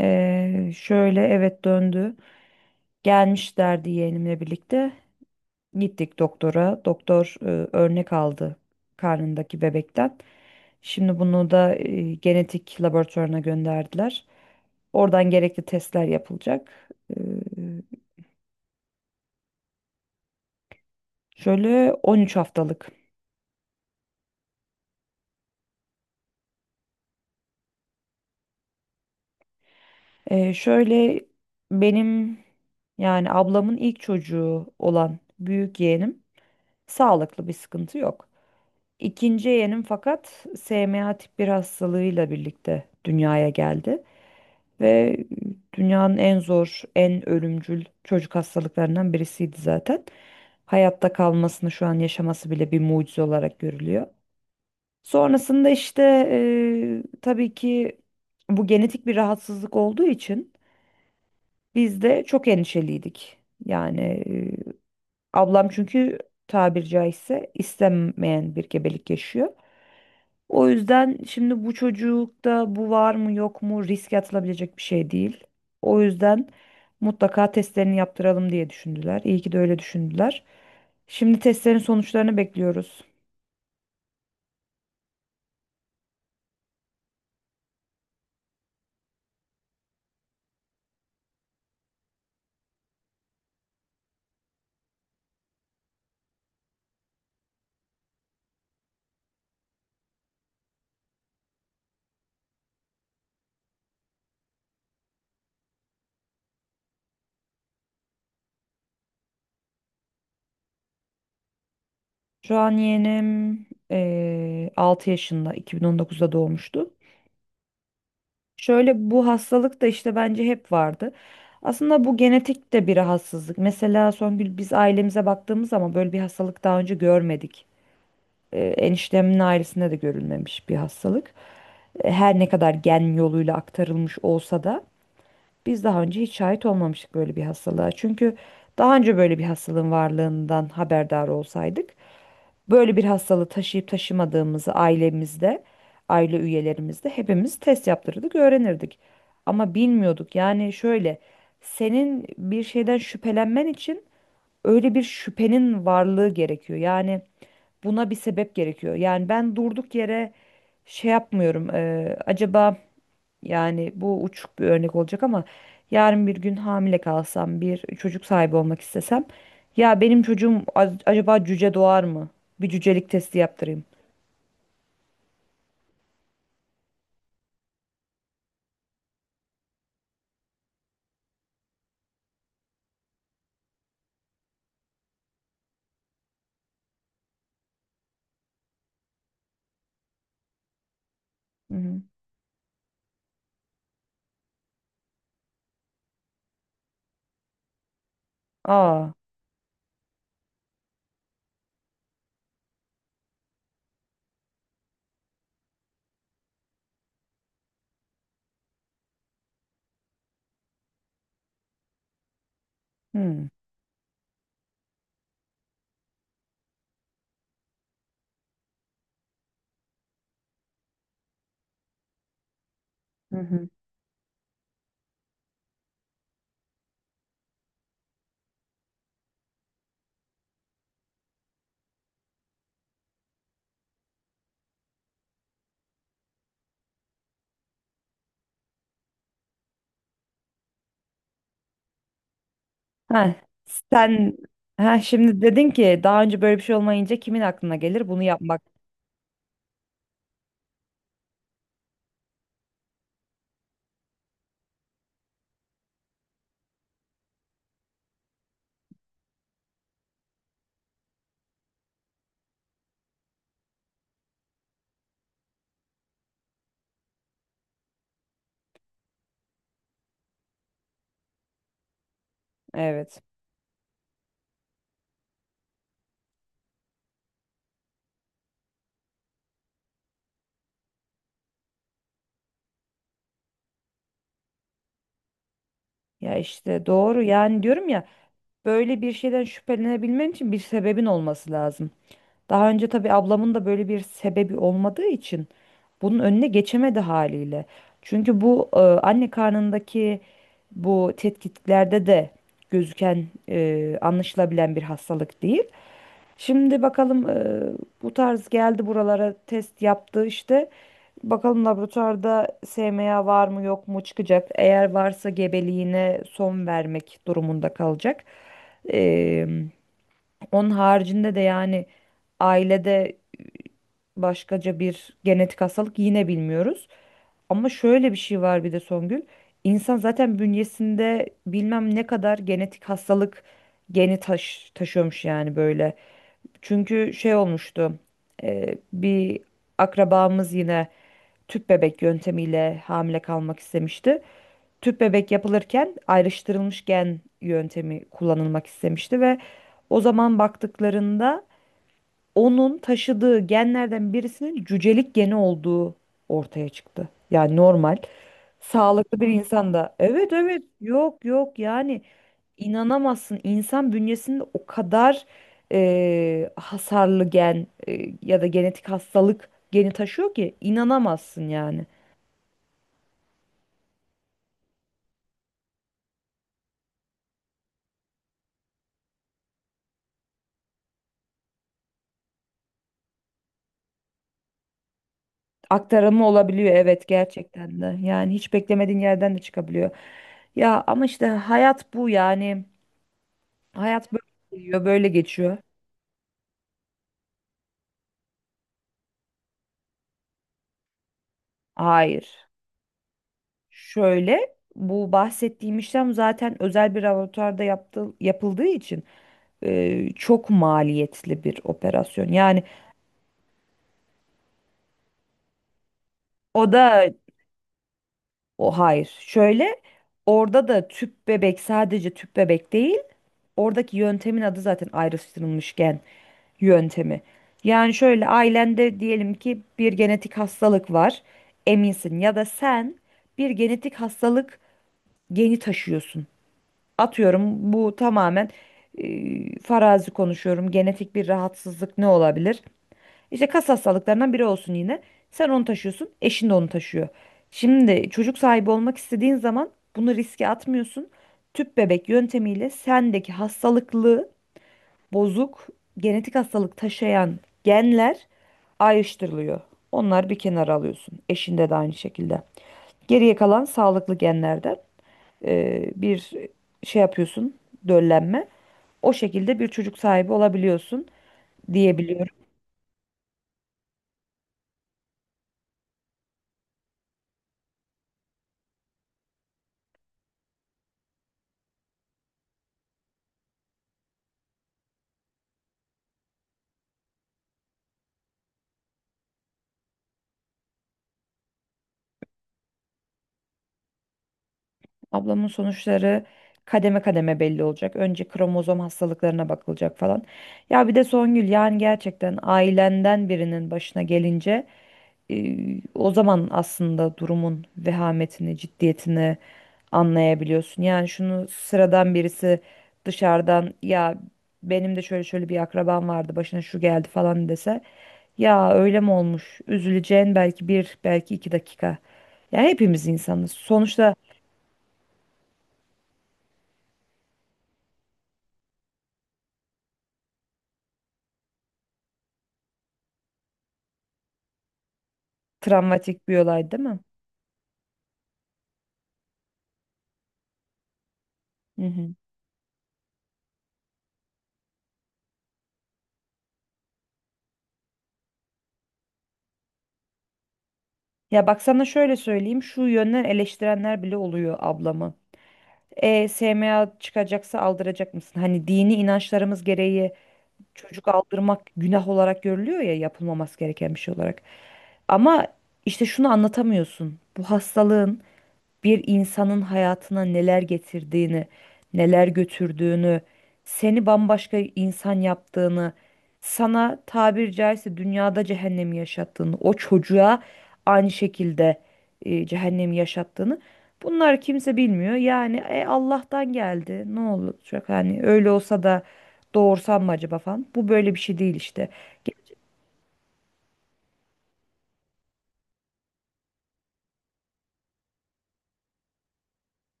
Şöyle Evet, döndü. Gelmişlerdi yeğenimle birlikte. Gittik doktora. Doktor örnek aldı karnındaki bebekten. Şimdi bunu da genetik laboratuvarına gönderdiler. Oradan gerekli testler yapılacak. Ee, şöyle 13 haftalık. Şöyle benim yani ablamın ilk çocuğu olan büyük yeğenim sağlıklı, bir sıkıntı yok. İkinci yeğenim fakat SMA tip 1 hastalığıyla birlikte dünyaya geldi ve dünyanın en zor, en ölümcül çocuk hastalıklarından birisiydi zaten. Hayatta kalmasını, şu an yaşaması bile bir mucize olarak görülüyor. Sonrasında işte tabii ki bu genetik bir rahatsızlık olduğu için biz de çok endişeliydik. Yani ablam çünkü tabiri caizse istenmeyen bir gebelik yaşıyor. O yüzden şimdi bu çocukta bu var mı yok mu riske atılabilecek bir şey değil. O yüzden mutlaka testlerini yaptıralım diye düşündüler. İyi ki de öyle düşündüler. Şimdi testlerin sonuçlarını bekliyoruz. Şu an yeğenim 6 yaşında, 2019'da doğmuştu. Şöyle, bu hastalık da işte bence hep vardı. Aslında bu genetik de bir rahatsızlık. Mesela Songül, biz ailemize baktığımız zaman böyle bir hastalık daha önce görmedik. Eniştemin ailesinde de görülmemiş bir hastalık. Her ne kadar gen yoluyla aktarılmış olsa da biz daha önce hiç şahit olmamıştık böyle bir hastalığa. Çünkü daha önce böyle bir hastalığın varlığından haberdar olsaydık, böyle bir hastalığı taşıyıp taşımadığımızı ailemizde, aile üyelerimizde hepimiz test yaptırırdık, öğrenirdik. Ama bilmiyorduk. Yani şöyle, senin bir şeyden şüphelenmen için öyle bir şüphenin varlığı gerekiyor. Yani buna bir sebep gerekiyor. Yani ben durduk yere şey yapmıyorum. Acaba yani, bu uçuk bir örnek olacak ama, yarın bir gün hamile kalsam, bir çocuk sahibi olmak istesem, ya benim çocuğum acaba cüce doğar mı? Bir cücelik testi yaptırayım. Hı hı. Aa. Hı. Hı hı. Ha, sen ha, şimdi dedin ki daha önce böyle bir şey olmayınca kimin aklına gelir bunu yapmak? Evet. Ya işte doğru, yani diyorum ya, böyle bir şeyden şüphelenebilmen için bir sebebin olması lazım. Daha önce tabii ablamın da böyle bir sebebi olmadığı için bunun önüne geçemedi haliyle. Çünkü bu anne karnındaki bu tetkiklerde de gözüken, anlaşılabilen bir hastalık değil. Şimdi bakalım, bu tarz geldi buralara, test yaptı işte. Bakalım laboratuvarda SMA var mı yok mu çıkacak. Eğer varsa gebeliğine son vermek durumunda kalacak. E, Onun haricinde de yani ailede başkaca bir genetik hastalık yine bilmiyoruz. Ama şöyle bir şey var bir de Songül. İnsan zaten bünyesinde bilmem ne kadar genetik hastalık geni taşıyormuş yani, böyle. Çünkü şey olmuştu. Bir akrabamız yine tüp bebek yöntemiyle hamile kalmak istemişti. Tüp bebek yapılırken ayrıştırılmış gen yöntemi kullanılmak istemişti ve o zaman baktıklarında onun taşıdığı genlerden birisinin cücelik geni olduğu ortaya çıktı. Yani normal, sağlıklı bir insan da. Evet evet, yok yok yani. İnanamazsın, insan bünyesinde o kadar hasarlı gen, ya da genetik hastalık geni taşıyor ki inanamazsın yani. Aktarımı olabiliyor, evet, gerçekten de. Yani hiç beklemediğin yerden de çıkabiliyor. Ya ama işte, hayat bu yani. Hayat böyle geliyor, böyle geçiyor. Hayır. Şöyle, bu bahsettiğim işlem zaten özel bir laboratuvarda yapıldığı için çok maliyetli bir operasyon. O da O hayır. Şöyle, orada da tüp bebek, sadece tüp bebek değil. Oradaki yöntemin adı zaten ayrıştırılmış gen yöntemi. Yani şöyle, ailende diyelim ki bir genetik hastalık var. Eminsin ya da sen bir genetik hastalık geni taşıyorsun. Atıyorum, bu tamamen farazi konuşuyorum. Genetik bir rahatsızlık ne olabilir? İşte kas hastalıklarından biri olsun yine. Sen onu taşıyorsun, eşin de onu taşıyor. Şimdi çocuk sahibi olmak istediğin zaman bunu riske atmıyorsun. Tüp bebek yöntemiyle sendeki hastalıklı, bozuk, genetik hastalık taşıyan genler ayrıştırılıyor. Onlar bir kenara alıyorsun. Eşinde de aynı şekilde. Geriye kalan sağlıklı genlerde bir şey yapıyorsun, döllenme. O şekilde bir çocuk sahibi olabiliyorsun diyebiliyorum. Ablamın sonuçları kademe kademe belli olacak. Önce kromozom hastalıklarına bakılacak falan. Ya bir de Songül, yani gerçekten ailenden birinin başına gelince e, o zaman aslında durumun vehametini, ciddiyetini anlayabiliyorsun. Yani şunu sıradan birisi dışarıdan, ya benim de şöyle şöyle bir akrabam vardı, başına şu geldi falan dese, ya öyle mi olmuş? Üzüleceğin belki bir, belki iki dakika. Yani hepimiz insanız sonuçta. Travmatik bir olay değil mi? Hı hı. Ya bak, sana şöyle söyleyeyim. Şu yönden eleştirenler bile oluyor ablamı. E, SMA çıkacaksa aldıracak mısın? Hani dini inançlarımız gereği çocuk aldırmak günah olarak görülüyor ya, yapılmaması gereken bir şey olarak. Ama işte şunu anlatamıyorsun. Bu hastalığın bir insanın hayatına neler getirdiğini, neler götürdüğünü, seni bambaşka insan yaptığını, sana tabir caizse dünyada cehennemi yaşattığını, o çocuğa aynı şekilde cehennemi yaşattığını, bunlar, kimse bilmiyor. Yani Allah'tan geldi, ne olacak, hani öyle olsa da doğursam mı acaba falan. Bu böyle bir şey değil işte.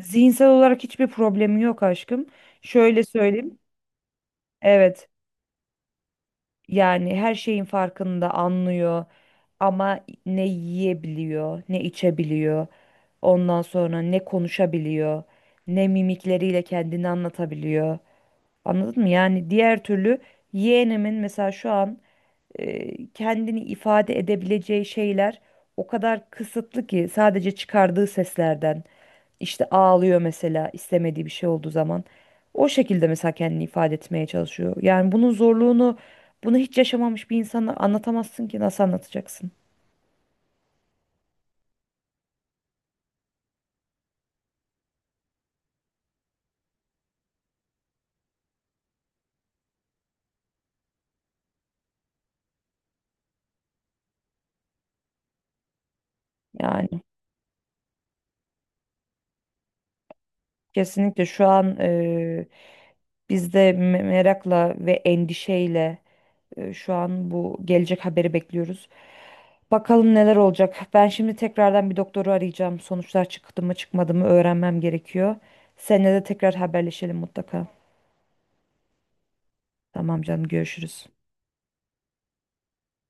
Zihinsel olarak hiçbir problemi yok aşkım. Şöyle söyleyeyim. Evet. Yani her şeyin farkında, anlıyor, ama ne yiyebiliyor, ne içebiliyor. Ondan sonra ne konuşabiliyor, ne mimikleriyle kendini anlatabiliyor. Anladın mı? Yani diğer türlü, yeğenimin mesela şu an kendini ifade edebileceği şeyler o kadar kısıtlı ki, sadece çıkardığı seslerden, işte ağlıyor mesela istemediği bir şey olduğu zaman, o şekilde mesela kendini ifade etmeye çalışıyor. Yani bunun zorluğunu, bunu hiç yaşamamış bir insana anlatamazsın ki, nasıl anlatacaksın? Yani kesinlikle şu an, biz de merakla ve endişeyle, şu an bu gelecek haberi bekliyoruz. Bakalım neler olacak. Ben şimdi tekrardan bir doktoru arayacağım. Sonuçlar çıktı mı çıkmadı mı öğrenmem gerekiyor. Seninle de tekrar haberleşelim mutlaka. Tamam canım, görüşürüz.